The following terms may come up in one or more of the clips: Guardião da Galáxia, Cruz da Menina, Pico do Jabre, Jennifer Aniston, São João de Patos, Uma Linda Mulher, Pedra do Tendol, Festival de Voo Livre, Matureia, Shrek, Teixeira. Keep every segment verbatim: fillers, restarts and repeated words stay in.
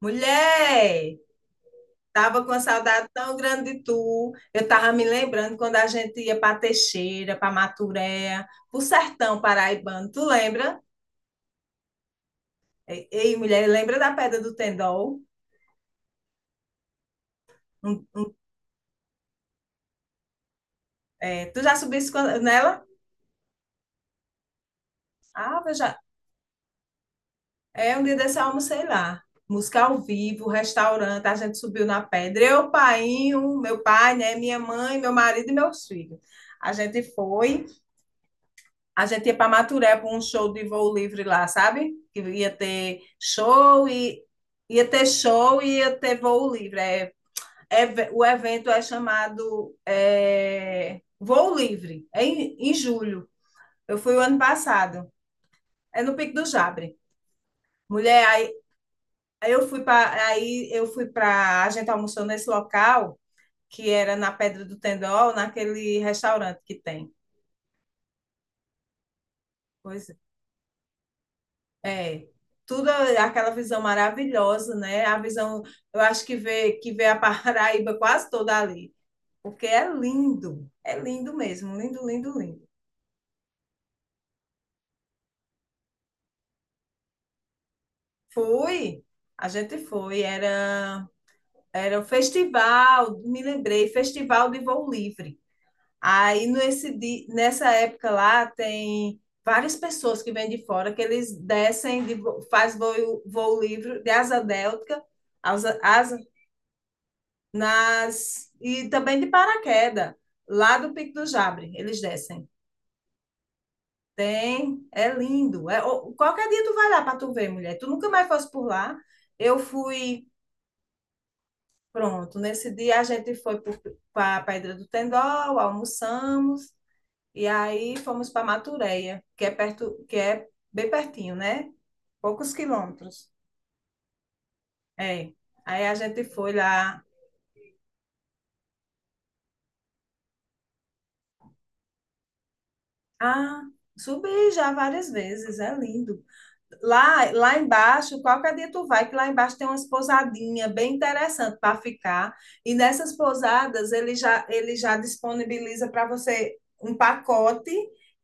Mulher, tava com uma saudade tão grande de tu. Eu tava me lembrando quando a gente ia para Teixeira, para Maturéia, para o sertão paraibano. Tu lembra? Ei, ei, mulher, lembra da Pedra do Tendol? Um- um- é, tu já subiste quando- nela? Ah, eu já. É, um dia desse eu almocei lá. Música ao vivo, restaurante, a gente subiu na pedra. Eu, painho, meu pai, né, minha mãe, meu marido e meus filhos. A gente foi. A gente ia para Maturé para um show de voo livre lá, sabe? Que ia ter show e ia ter show e ia ter voo livre. É, é- o evento é chamado é, Voo Livre, é em, em julho. Eu fui o ano passado, é no Pico do Jabre. Mulher, aí eu fui para aí eu fui para a gente almoçou nesse local que era na Pedra do Tendol, naquele restaurante que tem. Pois é. É, tudo a- aquela visão maravilhosa, né? A visão, eu acho que vê, que vê a Paraíba quase toda ali, porque é lindo, é lindo mesmo, lindo, lindo, lindo. Fui, a gente foi, era, era o festival, me lembrei, Festival de Voo Livre. Aí nesse, di- nessa época lá tem várias pessoas que vêm de fora, que eles descem, de, vo- faz voo, voo livre de asa delta, asa, asa nas e também de paraquedas, lá do Pico do Jabre, eles descem. Tem, é lindo. É, ô, qualquer dia tu vai lá para tu ver, mulher. Tu nunca mais fosse por lá. Eu fui, pronto, nesse dia a gente foi para a Pedra do Tendol, almoçamos e aí fomos para Matureia, que é perto, que é bem pertinho, né? Poucos quilômetros. É. Aí a gente foi lá. Ah, subi já várias vezes, é lindo. Lá, lá embaixo, qualquer dia tu vai, que lá embaixo tem umas pousadinhas bem interessantes para ficar. E nessas pousadas, ele já, ele já disponibiliza para você um pacote,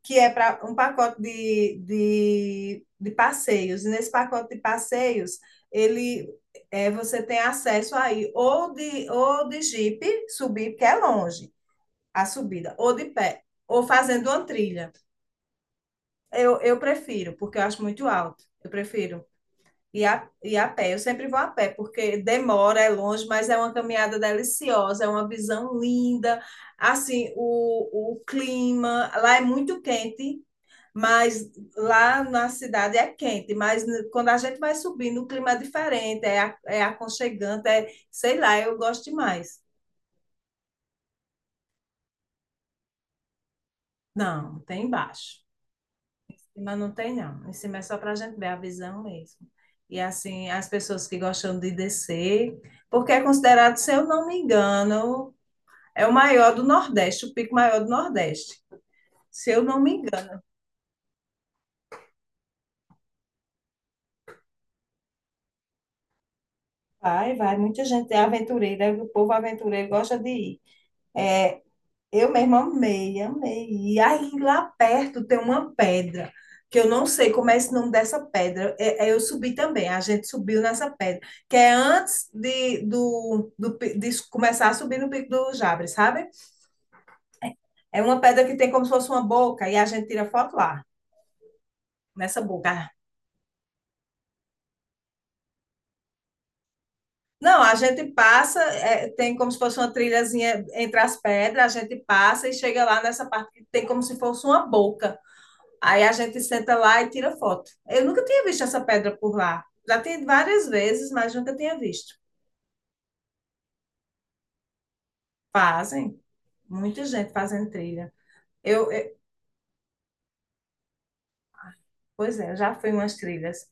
que é para um pacote de, de, de passeios. E nesse pacote de passeios, ele é, você tem acesso aí ou de, ou de jipe, subir, porque é longe a subida, ou de pé, ou fazendo uma trilha. Eu, eu prefiro, porque eu acho muito alto. Eu prefiro. E a, e a pé, eu sempre vou a pé, porque demora, é longe, mas é uma caminhada deliciosa, é uma visão linda. Assim, o, o clima lá é muito quente, mas lá na cidade é quente, mas quando a gente vai subindo, o clima é diferente, é, é aconchegante, é, sei lá, eu gosto demais. Não, tem embaixo. Em cima não tem, não. Em cima é só para a gente ver a visão mesmo. E assim, as pessoas que gostam de descer, porque é considerado, se eu não me engano, É o maior do Nordeste, o pico maior do Nordeste, se eu não me engano. Vai, vai, muita gente é aventureira, o povo aventureiro gosta de ir. É, eu mesma amei, amei. E aí lá perto tem uma pedra, que eu não sei como é esse nome dessa pedra. É, é, eu subi também, a gente subiu nessa pedra, que é antes de, do, do, de começar a subir no Pico do Jabre, sabe? É uma pedra que tem como se fosse uma boca, e a gente tira foto lá, nessa boca. Não, a gente passa, é, tem como se fosse uma trilhazinha entre as pedras, a gente passa e chega lá nessa parte que tem como se fosse uma boca. Aí a gente senta lá e tira foto. Eu nunca tinha visto essa pedra por lá. Já tem várias vezes, mas nunca tinha visto. Fazem, muita gente fazendo trilha. Eu, eu- pois é, eu já fui em umas trilhas.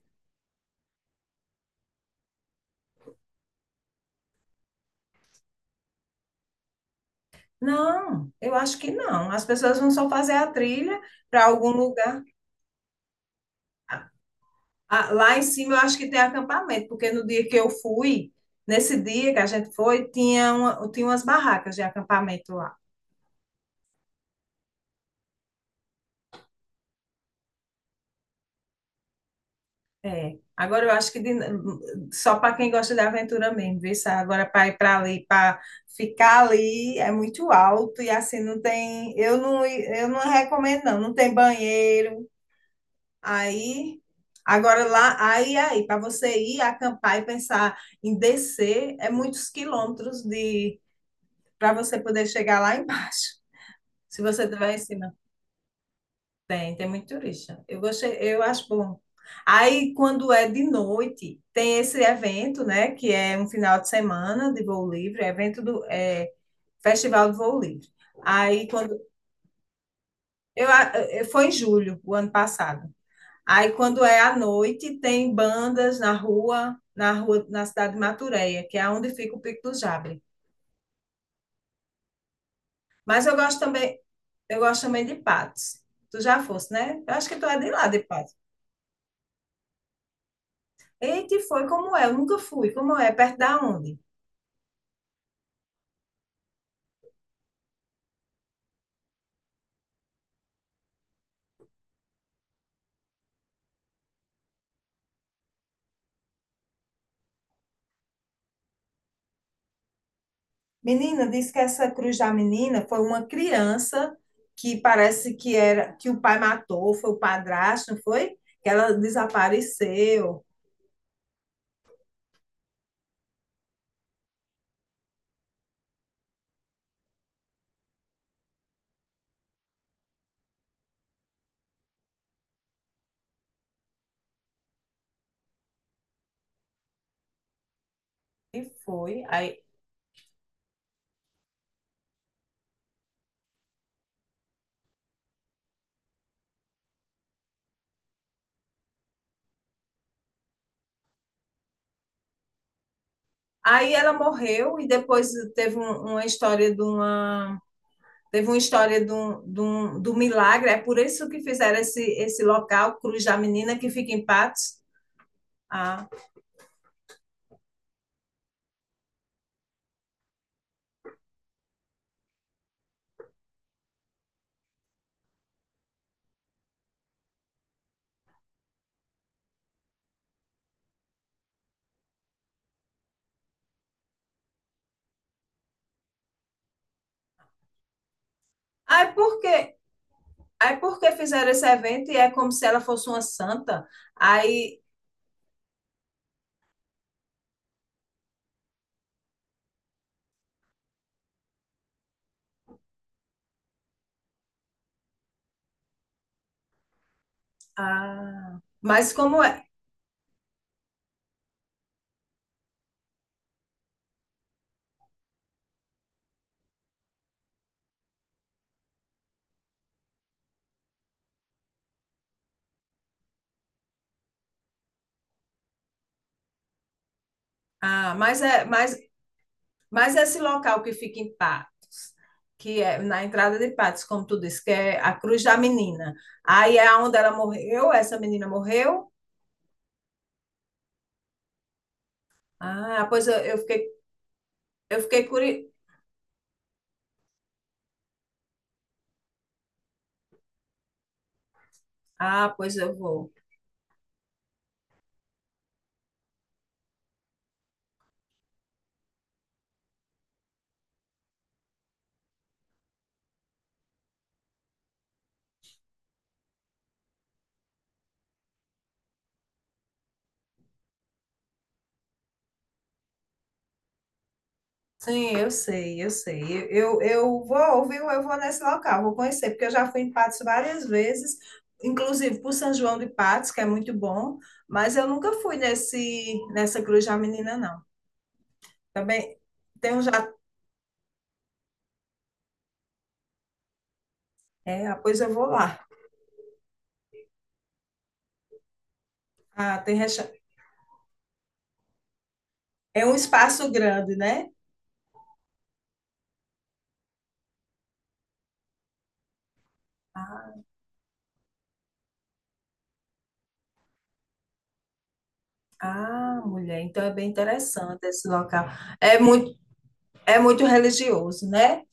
Não, eu acho que não. As pessoas vão só fazer a trilha para algum lugar. Ah, lá em cima eu acho que tem acampamento, porque no dia que eu fui, nesse dia que a gente foi, tinha, uma, tinha umas barracas de acampamento lá. É. Agora eu acho que de- só para quem gosta de aventura mesmo, viu? Sá? Agora para ir para ali, para ficar ali é muito alto e assim não tem. Eu não, eu não recomendo, não. Não tem banheiro. Aí. Agora lá, aí, aí, para você ir acampar e pensar em descer, é muitos quilômetros de para você poder chegar lá embaixo. Se você estiver em cima, tem, tem muito turista. Eu gostei, eu acho bom. Aí, quando é de noite, tem esse evento, né, que é um final de semana de voo livre, é evento do é, Festival de Voo Livre. Aí, quando eu, eu foi em julho, o ano passado. Aí, quando é à noite, tem bandas na rua, na rua, na cidade de Matureia, que é onde fica o Pico do Jabre. Mas eu gosto também, eu gosto também de Patos. Tu já fosse, né? Eu acho que tu é de lá, de Patos. Eita, e foi como é? Eu nunca fui. Como é? Perto da onde? Menina, disse que essa Cruz da Menina foi uma criança que parece que era que o pai matou, foi o padrasto, não foi? Que ela desapareceu. E foi. Aí, aí ela morreu e depois teve um- uma história de uma teve uma história de um- de um- do milagre, é por isso que fizeram esse, esse local, Cruz da Menina, que fica em Patos. Ah, aí por quê? Aí por que fizeram esse evento e é como se ela fosse uma santa? Aí, ah, mas como é? Ah, mas é, mas, mas esse local que fica em Patos, que é na entrada de Patos, como tu disse, que é a Cruz da Menina. Aí é onde ela morreu, essa menina morreu. Ah, pois eu, eu fiquei, eu fiquei curiosa. Ah, pois eu vou. Sim, eu sei, eu sei. Eu, eu, eu vou, viu? Eu vou nesse local, vou conhecer, porque eu já fui em Patos várias vezes, inclusive para São João de Patos, que é muito bom, mas eu nunca fui nesse, nessa Cruz da Menina, não. Também tem um já. É, ah, pois eu vou lá. Ah, tem recha... É um espaço grande, né? Ah, ah, mulher, então é bem interessante esse local. É muito, é muito religioso, né?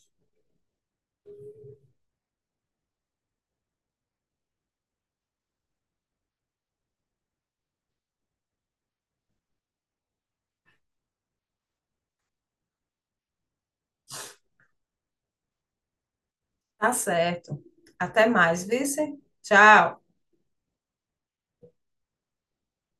Tá certo. Até mais, vice. Tchau.